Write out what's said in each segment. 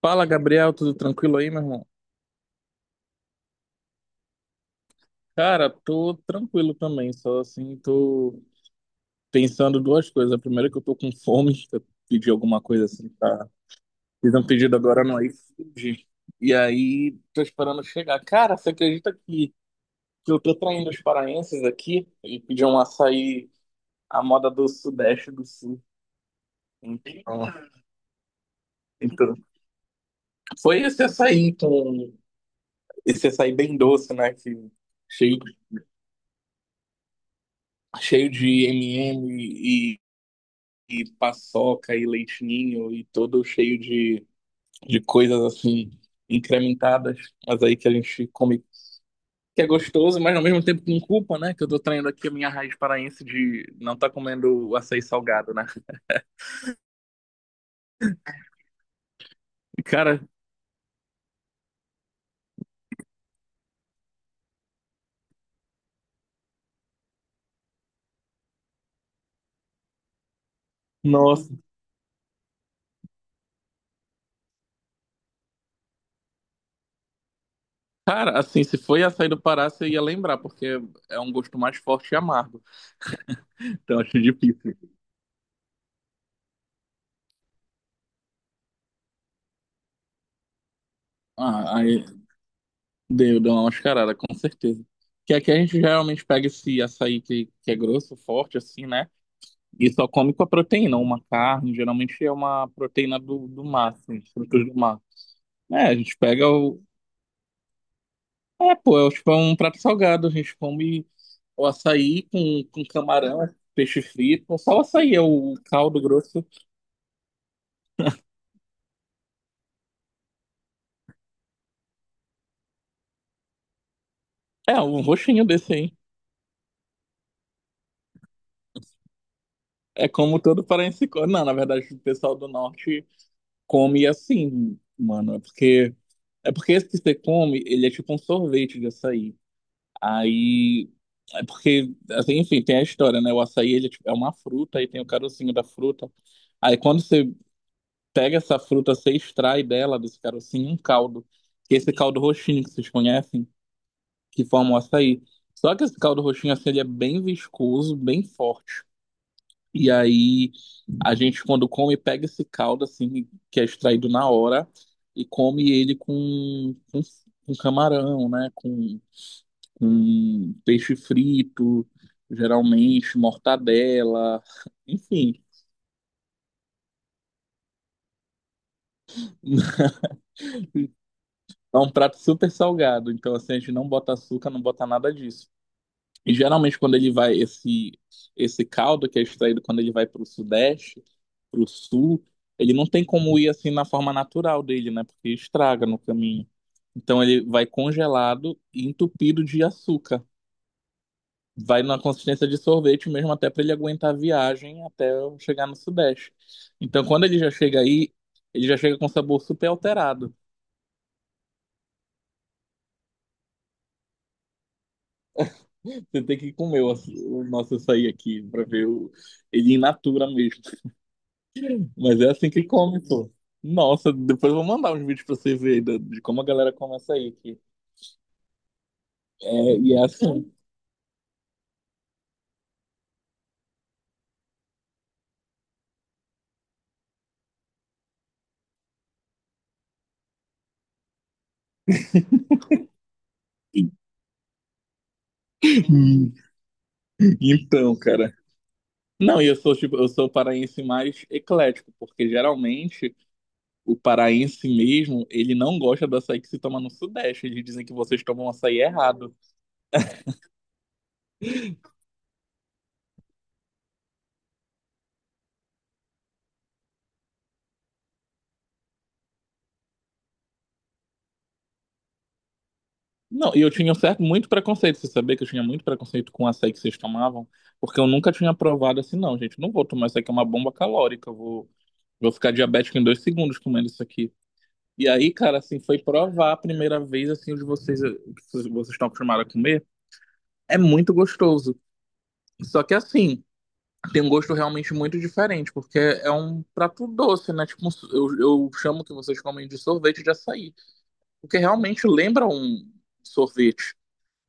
Fala, Gabriel, tudo tranquilo aí, meu irmão? Cara, tô tranquilo também, só assim, tô pensando duas coisas. A primeira é que eu tô com fome, eu pedi alguma coisa assim, tá? Fiz um pedido agora no iFood, e aí tô esperando chegar. Cara, você acredita que eu tô traindo os paraenses aqui e pedi um açaí à moda do Sudeste do Sul? Então, então foi esse açaí, então, esse açaí bem doce, né, que cheio, cheio de M&M e paçoca e leitinho e todo cheio de coisas assim incrementadas, mas aí que a gente come que é gostoso, mas ao mesmo tempo com culpa, né? Que eu tô traindo aqui a minha raiz paraense de não tá comendo açaí salgado, né? E, cara, nossa. Cara, assim, se foi açaí do Pará, você ia lembrar, porque é um gosto mais forte e amargo. Então acho difícil. Ah, aí deu, deu uma mascarada, com certeza. Que aqui a gente geralmente pega esse açaí que é grosso, forte, assim, né? E só come com a proteína, uma carne, geralmente é uma proteína do mar, assim, frutos do mar. É, a gente pega o. É, pô, é tipo um prato salgado, a gente come o açaí com camarão, peixe frito, só o açaí, é o caldo grosso. É, um roxinho desse aí. É como todo paraense come. Não, na verdade, o pessoal do norte come assim, mano. É porque esse que você come, ele é tipo um sorvete de açaí. Aí, é porque, assim, enfim, tem a história, né? O açaí, ele é tipo, é uma fruta, aí tem o carocinho da fruta. Aí, quando você pega essa fruta, você extrai dela, desse carocinho, um caldo. Que é esse caldo roxinho que vocês conhecem, que forma o açaí. Só que esse caldo roxinho, assim, ele é bem viscoso, bem forte. E aí, a gente, quando come, pega esse caldo, assim, que é extraído na hora, e come ele com camarão, né? Com peixe frito, geralmente mortadela, enfim. É um prato super salgado, então assim, a gente não bota açúcar, não bota nada disso. E geralmente quando ele vai, esse caldo que é extraído quando ele vai para o sudeste, para o sul, ele não tem como ir assim na forma natural dele, né? Porque estraga no caminho. Então ele vai congelado e entupido de açúcar. Vai na consistência de sorvete mesmo até para ele aguentar a viagem até eu chegar no Sudeste. Então, quando ele já chega aí, ele já chega com sabor super alterado. Você tem que comer o, aç- o nosso açaí aqui para ver o, ele in natura mesmo. Mas é assim que come, pô. Nossa, depois eu vou mandar uns vídeos pra você ver aí da- de como a galera come açaí aqui. É, e é assim. Então, cara. Não, e eu sou tipo, eu sou paraense mais eclético, porque geralmente o paraense mesmo, ele não gosta do açaí que se toma no Sudeste. Eles dizem que vocês tomam açaí errado. Não, e eu tinha um certo muito preconceito. Você sabia que eu tinha muito preconceito com o açaí que vocês tomavam? Porque eu nunca tinha provado assim, não, gente. Não vou tomar isso aqui, é uma bomba calórica. Eu vou, vou ficar diabético em dois segundos comendo isso aqui. E aí, cara, assim, foi provar a primeira vez, assim, o de vocês, o que vocês estão acostumados a comer. É muito gostoso. Só que assim, tem um gosto realmente muito diferente, porque é um prato doce, né? Tipo, um so- eu chamo que vocês comem de sorvete de açaí, porque realmente lembra um sorvete,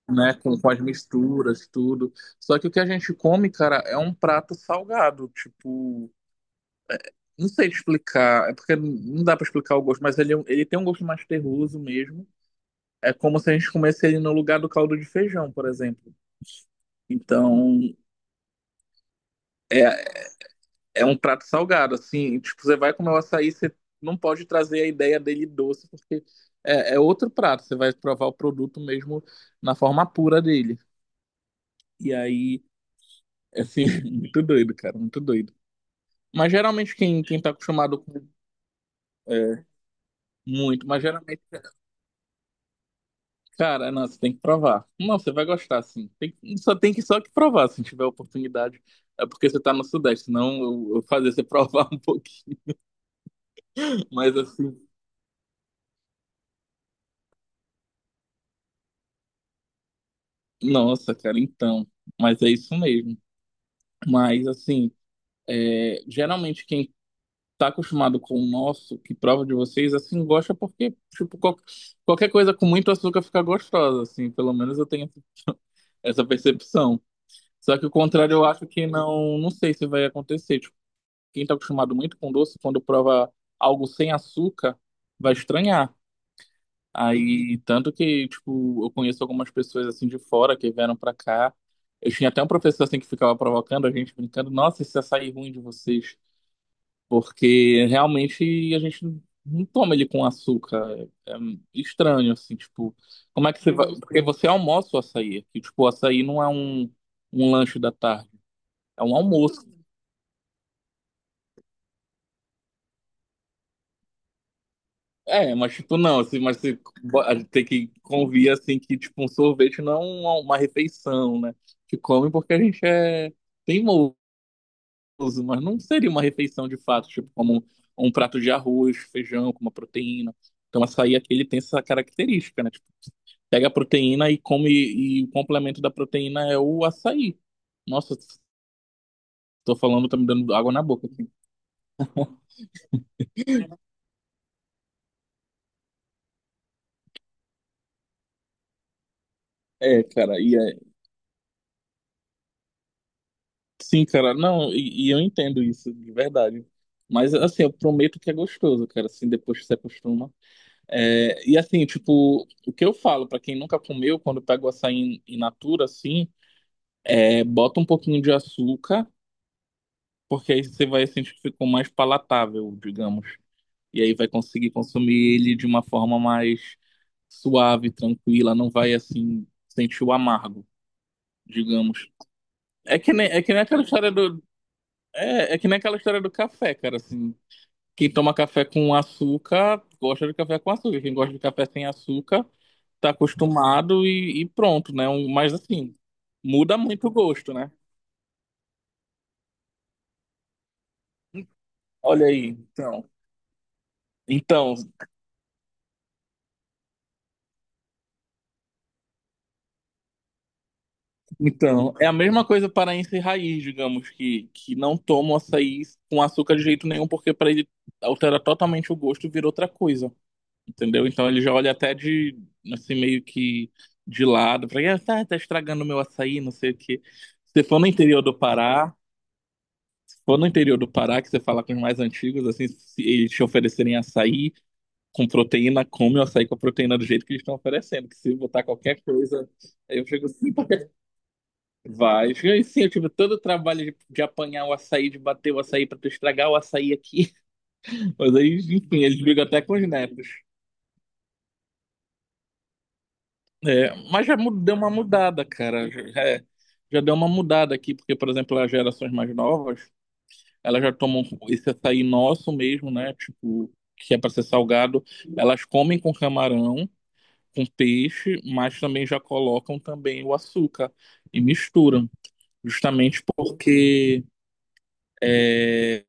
né? Com as misturas, tudo. Só que o que a gente come, cara, é um prato salgado, tipo. Não sei te explicar, é porque não dá pra explicar o gosto, mas ele, é um, ele tem um gosto mais terroso mesmo. É como se a gente comesse ele no lugar do caldo de feijão, por exemplo. Então, é, é um prato salgado, assim, tipo, você vai comer o açaí, você não pode trazer a ideia dele doce, porque é, é outro prato, você vai provar o produto mesmo na forma pura dele. E aí, assim, muito doido, cara, muito doido. Mas geralmente quem, quem tá acostumado com. É, muito, mas geralmente, cara, não, você tem que provar. Não, você vai gostar, assim. Tem que só que provar, se tiver oportunidade. É porque você tá no Sudeste, senão eu fazer você provar um pouquinho. Mas assim, nossa, cara, então. Mas é isso mesmo. Mas, assim, é, geralmente quem tá acostumado com o nosso, que prova de vocês, assim, gosta porque, tipo, qual- qualquer coisa com muito açúcar fica gostosa, assim, pelo menos eu tenho essa essa percepção. Só que o contrário eu acho que não, não sei se vai acontecer. Tipo, quem tá acostumado muito com doce, quando prova algo sem açúcar, vai estranhar. Aí, tanto que, tipo, eu conheço algumas pessoas assim de fora que vieram pra cá. Eu tinha até um professor assim que ficava provocando a gente, brincando, nossa, esse açaí ruim de vocês. Porque realmente a gente não toma ele com açúcar. É, é estranho, assim, tipo, como é que você vai. Porque você almoça o açaí aqui. Tipo, o açaí não é um, um lanche da tarde, é um almoço. É, mas tipo, não, assim, mas você bo- a gente tem que convir assim que, tipo, um sorvete não é uma refeição, né? Que come porque a gente é teimoso, mas não seria uma refeição de fato, tipo, como um prato de arroz, feijão, com uma proteína. Então, açaí aqui ele tem essa característica, né? Tipo, pega a proteína e come, e o complemento da proteína é o açaí. Nossa, tô falando, tá me dando água na boca, assim. É, cara, e é... Sim, cara, não, e eu entendo isso, de verdade. Mas, assim, eu prometo que é gostoso, cara, assim, depois que você acostuma. É, e, assim, tipo, o que eu falo pra quem nunca comeu, quando pega o açaí in natura, assim, é bota um pouquinho de açúcar, porque aí você vai sentir que ficou mais palatável, digamos. E aí vai conseguir consumir ele de uma forma mais suave, tranquila, não vai assim sentir o amargo, digamos. É que nem aquela história do é, é que nem aquela história do café, cara, assim, quem toma café com açúcar gosta de café com açúcar, quem gosta de café sem açúcar tá acostumado e pronto, né? Um- Mas assim, muda muito o gosto, né? Olha aí, então. Então, então, é a mesma coisa paraense raiz, digamos, que não toma o açaí com açúcar de jeito nenhum, porque para ele altera totalmente o gosto e vira outra coisa, entendeu? Então ele já olha até de, assim, meio que de lado, para ele, ah, tá, tá estragando o meu açaí, não sei o quê. Se for no interior do Pará, se for no interior do Pará, que você fala com os mais antigos, assim, se eles te oferecerem açaí com proteína, come o açaí com a proteína do jeito que eles estão oferecendo, que se botar qualquer coisa, aí eu fico assim, vai. Fica assim, eu tive todo o trabalho de apanhar o açaí, de bater o açaí pra tu estragar o açaí aqui. Mas aí, enfim, eles brigam até com os netos. É, mas já mu- deu uma mudada, cara. Já, é, já deu uma mudada aqui, porque, por exemplo, as gerações mais novas, elas já tomam esse açaí nosso mesmo, né? Tipo, que é para ser salgado. Elas comem com camarão, com peixe, mas também já colocam também o açúcar e misturam. Justamente porque. É,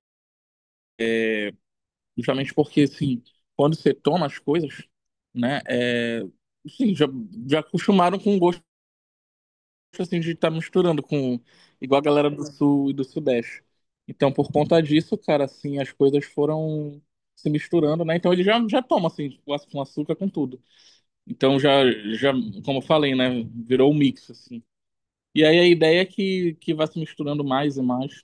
justamente porque, assim, quando você toma as coisas, né, é, sim, já, já acostumaram com o gosto, assim, de estar misturando com, igual a galera do Sul e do Sudeste. Então, por conta disso, cara, assim, as coisas foram se misturando, né, então ele já, já toma, assim, com aç- com açúcar, com tudo. Então, já, já, como eu falei, né, virou um mix, assim. E aí a ideia é que vai se misturando mais e mais.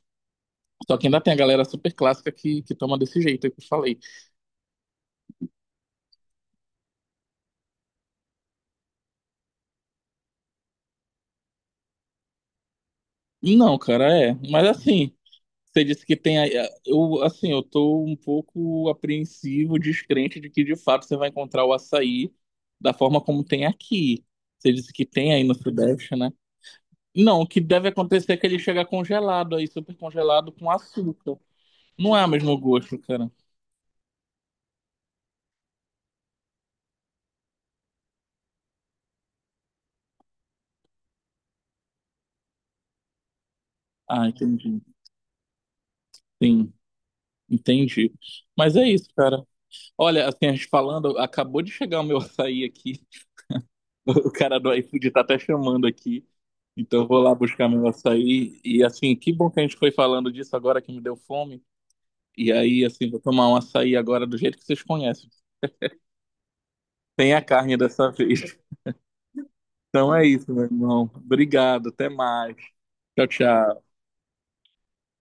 Só que ainda tem a galera super clássica que toma desse jeito aí que eu falei. Não, cara, é. Mas assim. Você disse que tem. Aí- eu, assim, eu tô um pouco apreensivo, descrente de que de fato você vai encontrar o açaí da forma como tem aqui. Você disse que tem aí no Sudeste, né? Não, o que deve acontecer é que ele chega congelado aí, super congelado com açúcar. Não é o mesmo gosto, cara. Ah, entendi. Sim, entendi. Mas é isso, cara. Olha, assim, a gente falando, acabou de chegar o meu açaí aqui. O cara do iFood tá até chamando aqui. Então eu vou lá buscar meu açaí. E assim, que bom que a gente foi falando disso agora que me deu fome. E aí, assim, vou tomar um açaí agora do jeito que vocês conhecem. Sem a carne dessa vez. Então é isso, meu irmão. Obrigado, até mais. Tchau, tchau.